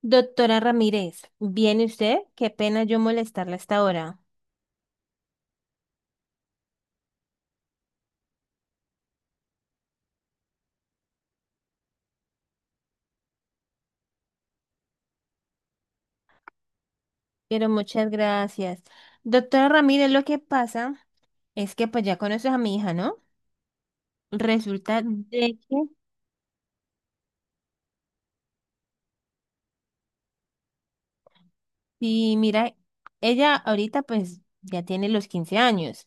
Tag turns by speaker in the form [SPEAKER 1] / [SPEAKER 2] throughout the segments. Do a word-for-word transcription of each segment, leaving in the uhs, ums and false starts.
[SPEAKER 1] Doctora Ramírez, ¿viene usted? Qué pena yo molestarla hasta ahora, pero muchas gracias. Doctora Ramírez, lo que pasa es que pues ya conoces a mi hija, ¿no? Resulta de que, sí, mira, ella ahorita pues ya tiene los quince años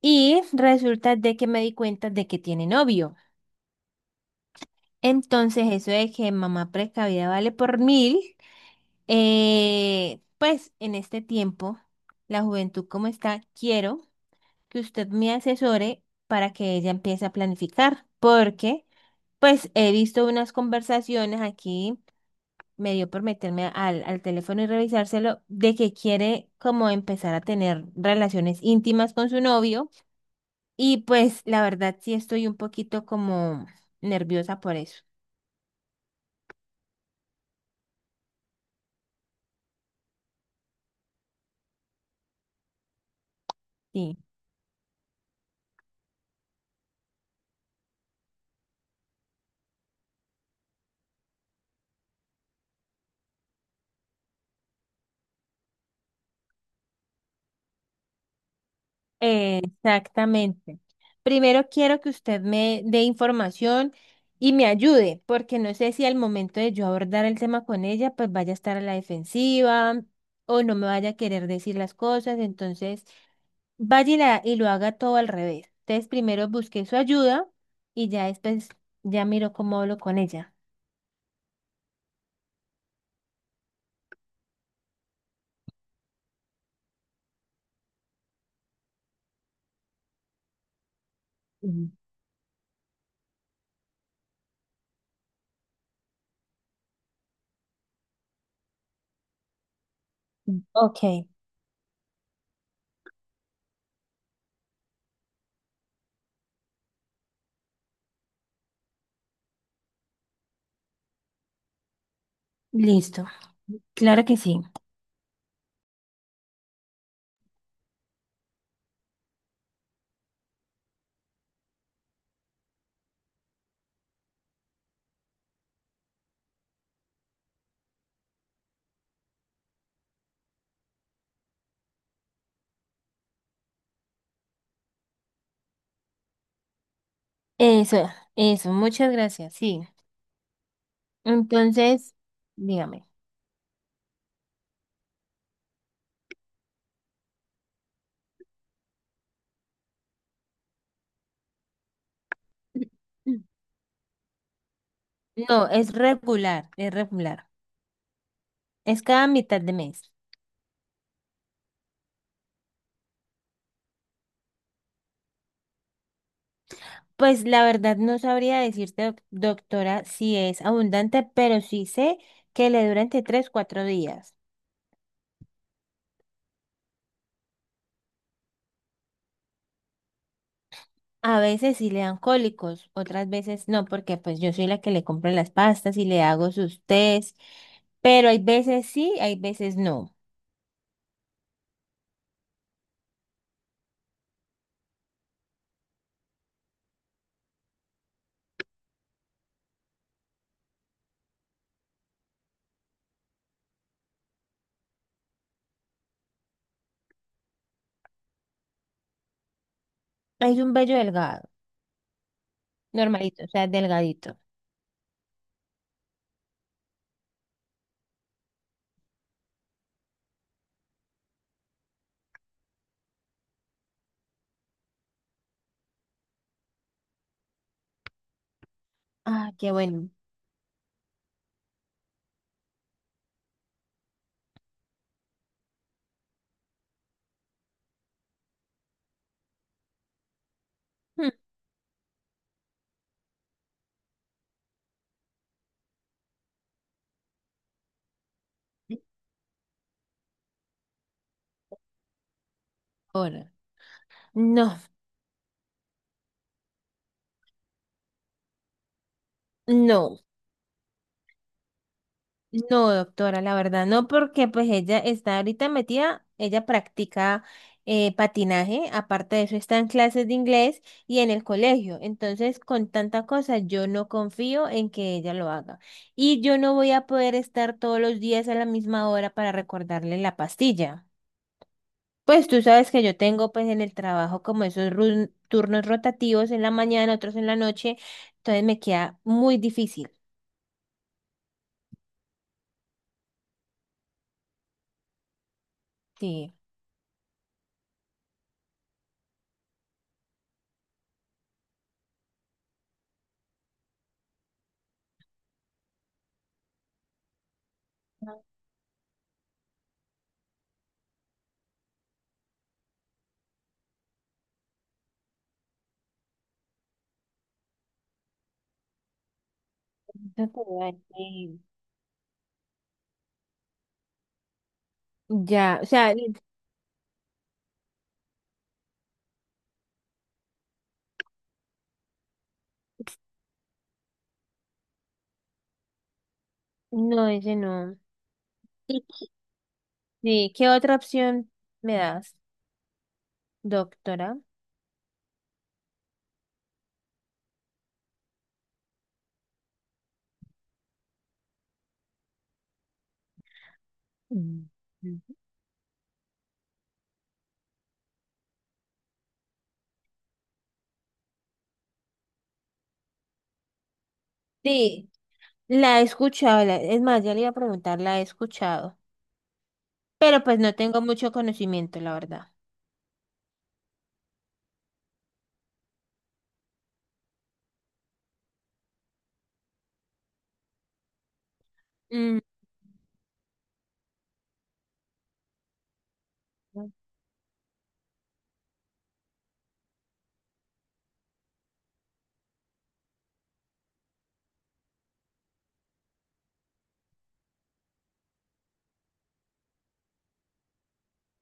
[SPEAKER 1] y resulta de que me di cuenta de que tiene novio. Entonces eso de que mamá precavida vale por mil, eh, pues en este tiempo, la juventud como está, quiero. Que usted me asesore para que ella empiece a planificar, porque pues he visto unas conversaciones aquí, me dio por meterme al, al teléfono y revisárselo, de que quiere como empezar a tener relaciones íntimas con su novio y pues la verdad sí estoy un poquito como nerviosa por eso. Sí. Exactamente. Primero quiero que usted me dé información y me ayude, porque no sé si al momento de yo abordar el tema con ella, pues vaya a estar a la defensiva o no me vaya a querer decir las cosas, entonces vaya y, la- y lo haga todo al revés. Entonces primero busque su ayuda y ya después ya miro cómo hablo con ella. Mm. Ok, listo. Claro que sí. Eso, eso, muchas gracias. Sí. Entonces, dígame. No, es regular, es regular. Es cada mitad de mes. Pues la verdad no sabría decirte, doc- doctora, si es abundante, pero sí sé que le dura entre tres cuatro días. A veces sí le dan cólicos, otras veces no, porque pues yo soy la que le compro las pastas y le hago sus tés, pero hay veces sí, hay veces no. Es un vello delgado, normalito, o sea, delgadito. Ah, qué bueno. Hmm. Ahora, no, no. No, doctora, la verdad, no, porque pues ella está ahorita metida, ella practica eh, patinaje, aparte de eso está en clases de inglés y en el colegio, entonces con tanta cosa yo no confío en que ella lo haga y yo no voy a poder estar todos los días a la misma hora para recordarle la pastilla. Pues tú sabes que yo tengo pues en el trabajo como esos run- turnos rotativos en la mañana, otros en la noche, entonces me queda muy difícil. Sí. No, no te voy a decir. Ya, o sea, no, ese no. Y- Sí, ¿qué otra opción me das, doctora? Mm. Sí, la he escuchado, la- es más, ya le iba a preguntar, la he escuchado, pero pues no tengo mucho conocimiento, la verdad. Mm.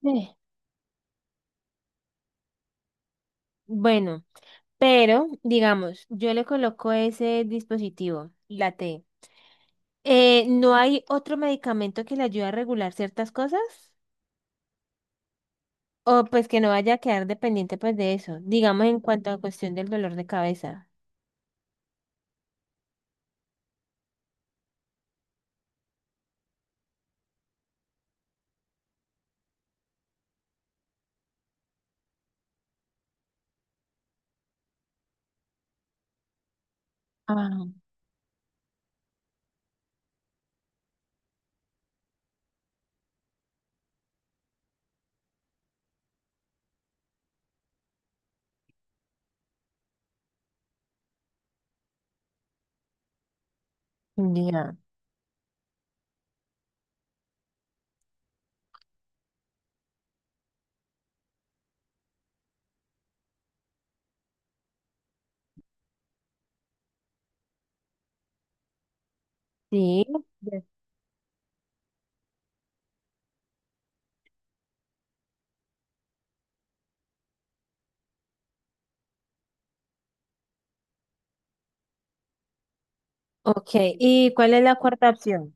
[SPEAKER 1] eh, Bueno, pero digamos, yo le coloco ese dispositivo, la T. Eh, ¿no hay otro medicamento que le ayude a regular ciertas cosas? O pues que no vaya a quedar dependiente pues de eso. Digamos en cuanto a cuestión del dolor de cabeza. Ah, ya. Sí. Ya. Ok. ¿Y cuál es la cuarta opción?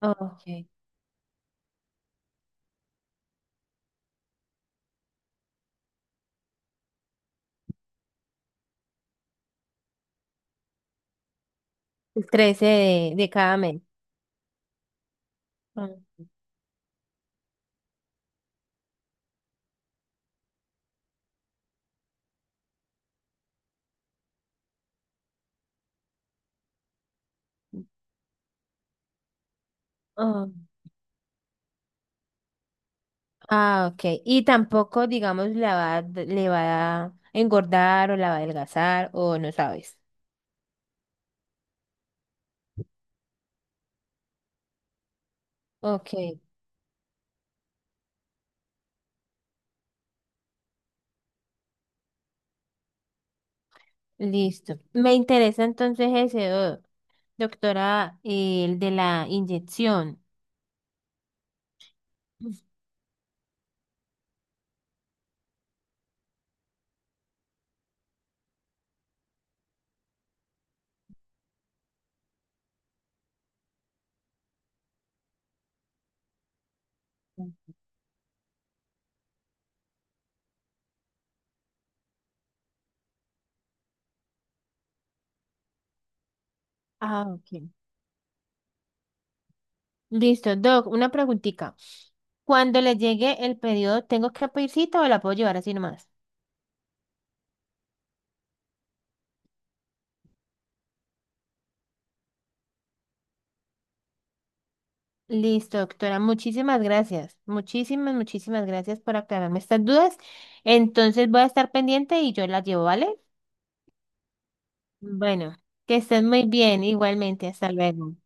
[SPEAKER 1] Ok. Pues Crece de, de cada mes. Ah, ah, ah, ok. Y tampoco, digamos, la va, a d- le va a engordar o la va a adelgazar o no sabes. Ok, listo. Me interesa entonces ese, do- doctora, el de la inyección. Ah, ok. Listo, Doc, una preguntita. Cuando le llegue el pedido, ¿tengo que pedir cita o la puedo llevar así nomás? Listo, doctora, muchísimas gracias. Muchísimas, muchísimas gracias por aclararme estas dudas. Entonces voy a estar pendiente y yo las llevo, ¿vale? Bueno, que estés muy bien, igualmente. Hasta luego.